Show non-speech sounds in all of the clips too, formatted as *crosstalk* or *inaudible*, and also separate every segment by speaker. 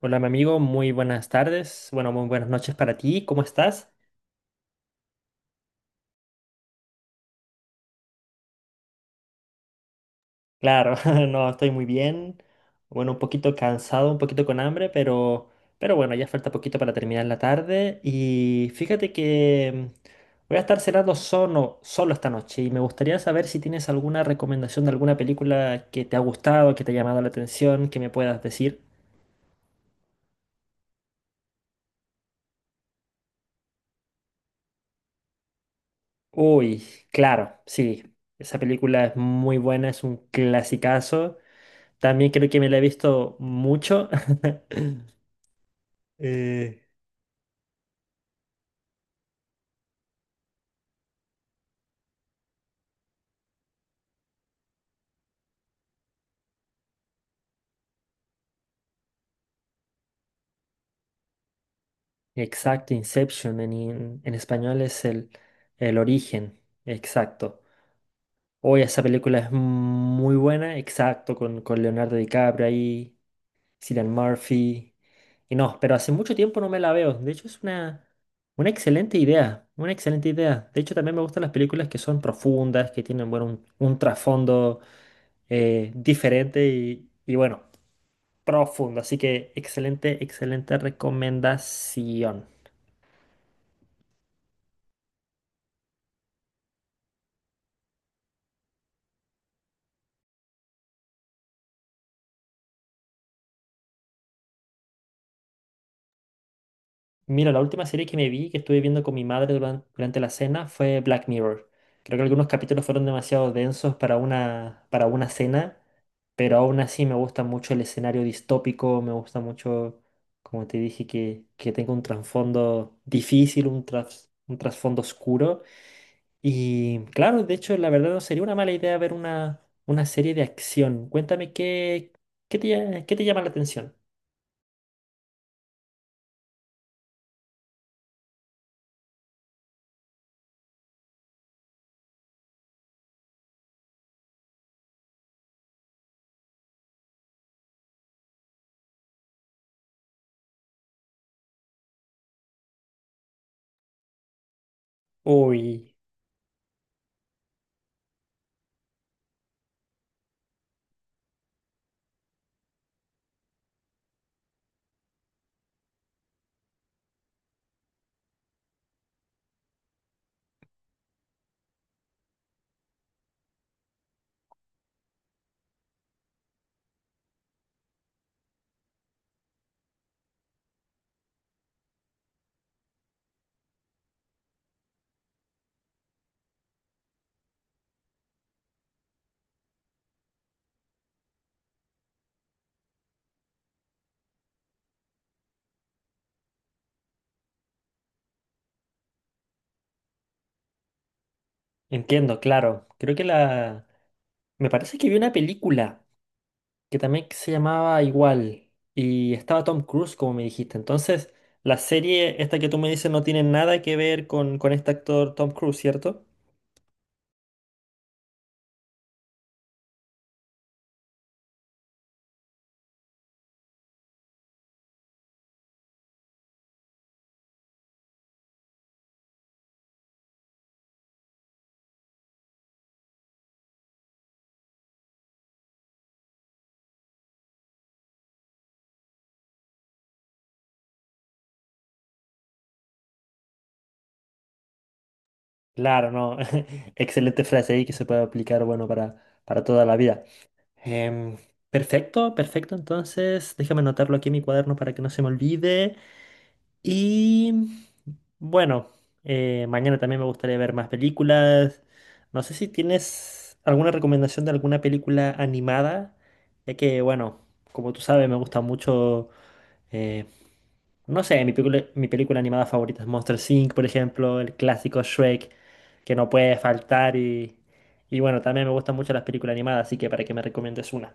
Speaker 1: Hola, mi amigo, muy buenas tardes. Bueno, muy buenas noches para ti. ¿Cómo estás? Claro, *laughs* no, estoy muy bien. Bueno, un poquito cansado, un poquito con hambre, pero bueno, ya falta poquito para terminar la tarde. Y fíjate que voy a estar cenando solo esta noche y me gustaría saber si tienes alguna recomendación de alguna película que te ha gustado, que te ha llamado la atención, que me puedas decir. Uy, claro, sí. Esa película es muy buena, es un clasicazo. También creo que me la he visto mucho. *laughs* Eh, exacto, Inception en español es el origen, exacto. Hoy esa película es muy buena, exacto, con Leonardo DiCaprio ahí. Cillian Murphy. Y no, pero hace mucho tiempo no me la veo. De hecho, es una excelente idea. Una excelente idea. De hecho, también me gustan las películas que son profundas, que tienen, bueno, un trasfondo diferente y, bueno, profundo. Así que excelente, excelente recomendación. Mira, la última serie que me vi, que estuve viendo con mi madre durante, la cena, fue Black Mirror. Creo que algunos capítulos fueron demasiado densos para para una cena. Pero aún así me gusta mucho el escenario distópico, me gusta mucho, como te dije, que tenga un trasfondo difícil, un trasfondo oscuro. Y claro, de hecho, la verdad no sería una mala idea ver una serie de acción. Cuéntame qué, qué te, lla- Qué te llama la atención. Uy, entiendo, claro. Creo que la... Me parece que vi una película. Que también se llamaba igual y estaba Tom Cruise, como me dijiste. Entonces, la serie esta que tú me dices no tiene nada que ver con este actor Tom Cruise, ¿cierto? Claro, no. *laughs* Excelente frase ahí que se puede aplicar, bueno, para toda la vida. Em, perfecto, perfecto. Entonces, déjame anotarlo aquí en mi cuaderno para que no se me olvide. Y bueno, mañana también me gustaría ver más películas. No sé si tienes alguna recomendación de alguna película animada, ya que bueno, como tú sabes, me gusta mucho, eh, no sé, mi película animada favorita es Monster Inc., por ejemplo, el clásico Shrek, que no puede y bueno, también me gustan mucho las películas animadas, así que para que me recomiendes una.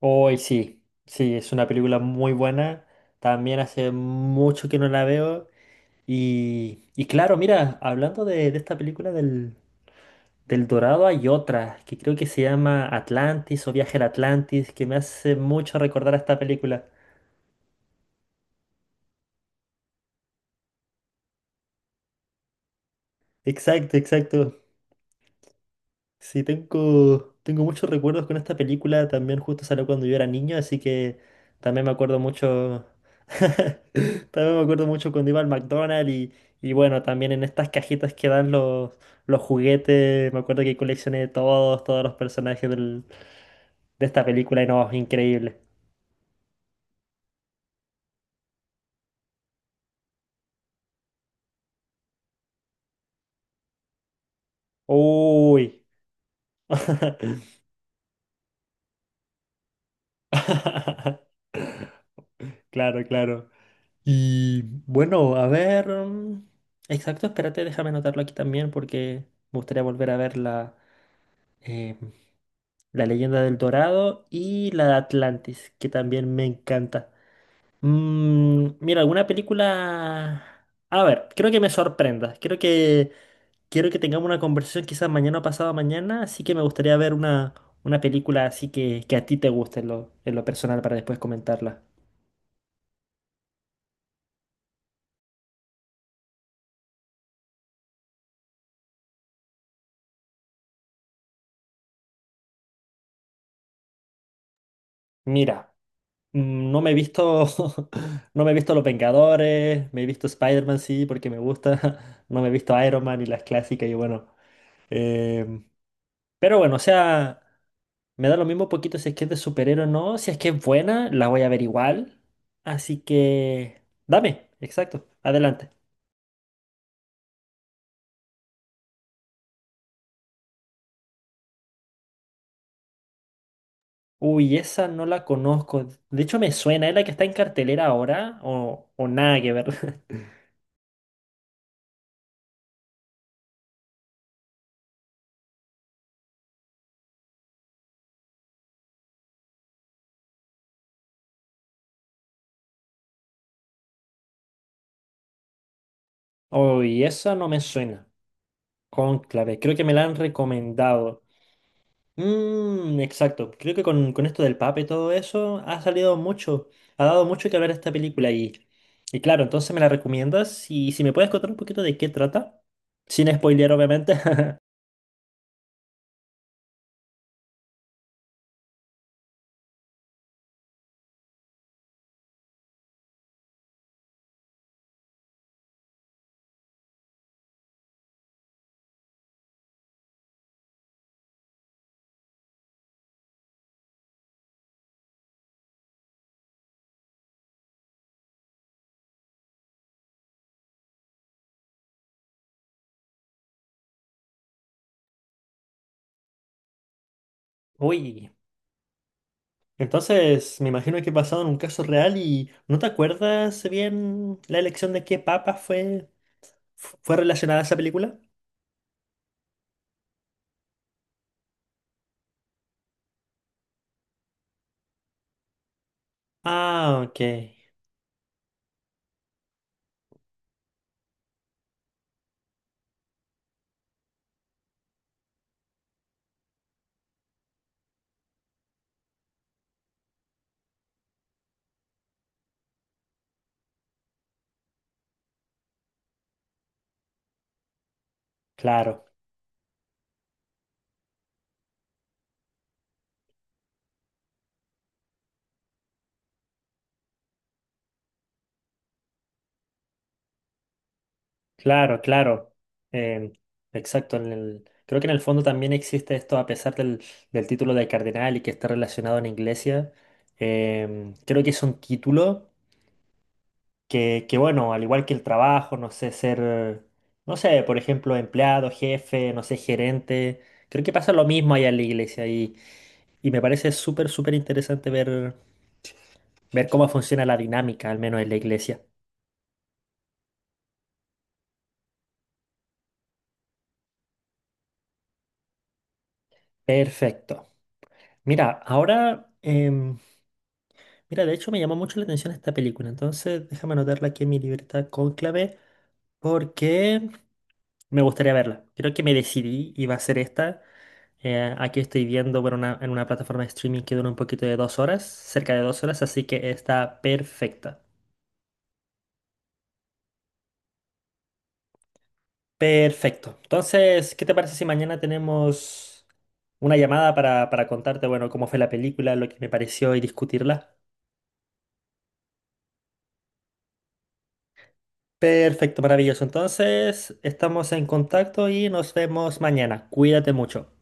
Speaker 1: Hoy sí, sí, es una película muy buena. También hace mucho que no la veo. Y claro, mira, hablando de esta película del Dorado, hay otra que creo que se llama Atlantis o Viaje al Atlantis, que me hace mucho recordar a esta película. Exacto, exacto. Sí, tengo muchos recuerdos con esta película. También justo salió cuando yo era niño, así que también me acuerdo mucho. *laughs* También me acuerdo mucho cuando iba al McDonald's y bueno, también en estas cajitas que dan los juguetes. Me acuerdo que coleccioné todos los personajes del de esta película y no, increíble. Uy. *laughs* Claro, claro. Y bueno, a ver. Exacto, espérate, déjame anotarlo aquí también porque me gustaría volver a ver eh, la leyenda del Dorado y la de Atlantis, que también me encanta. Mira, alguna película... A ver, creo que me sorprenda. Creo que quiero que tengamos una conversación quizás mañana o pasado mañana, así que me gustaría ver una película así que a ti te guste en en lo personal para después comentarla. Mira, no me he visto, *laughs* no me he visto Los Vengadores, me he visto Spider-Man, sí, porque me gusta, *laughs* no me he visto Iron Man y las clásicas y bueno. em, pero bueno, o sea, me da lo mismo poquito si es que es de superhéroe o no, si es que es buena, la voy a ver igual. Así que, dame, exacto, adelante. Uy, esa no la conozco. De hecho, me suena. ¿Es la que está en cartelera ahora? O nada que ver. *laughs* Uy, esa no me suena. Cónclave, creo que me la han recomendado. Mmm, exacto. Creo que con esto del Papa y todo eso ha salido mucho. Ha dado mucho que hablar esta película. Y claro, entonces me la recomiendas. Y si me puedes contar un poquito de qué trata. Sin spoilear, obviamente. *laughs* Uy. Entonces, me imagino que he pasado en un caso real y ¿no te acuerdas bien la elección de qué papa fue relacionada a esa película? Ah, ok. Claro, claro, claro. Em, exacto. En el, creo que en el fondo también existe esto, a pesar del título de cardenal y que está relacionado en iglesia. Creo que es un título, que bueno, al igual que el trabajo, no sé, ser, no sé, por ejemplo, empleado, jefe, no sé, gerente, creo que pasa lo mismo allá en la iglesia y me parece súper, súper interesante ver cómo funciona la dinámica, al menos en la iglesia. Perfecto. Mira, ahora... mira, de hecho me llamó mucho la atención esta película, entonces déjame anotarla aquí en mi libreta Cónclave porque me gustaría verla. Creo que me decidí y va a ser esta. Aquí estoy viendo bueno, una- en una plataforma de streaming que dura un poquito de 2 horas, cerca de 2 horas, así que está perfecta. Perfecto. Entonces, ¿qué te parece si mañana tenemos una llamada para contarte, bueno, cómo fue la película, lo que me pareció y discutirla? Perfecto, maravilloso. Entonces, estamos en contacto y nos vemos mañana. Cuídate mucho.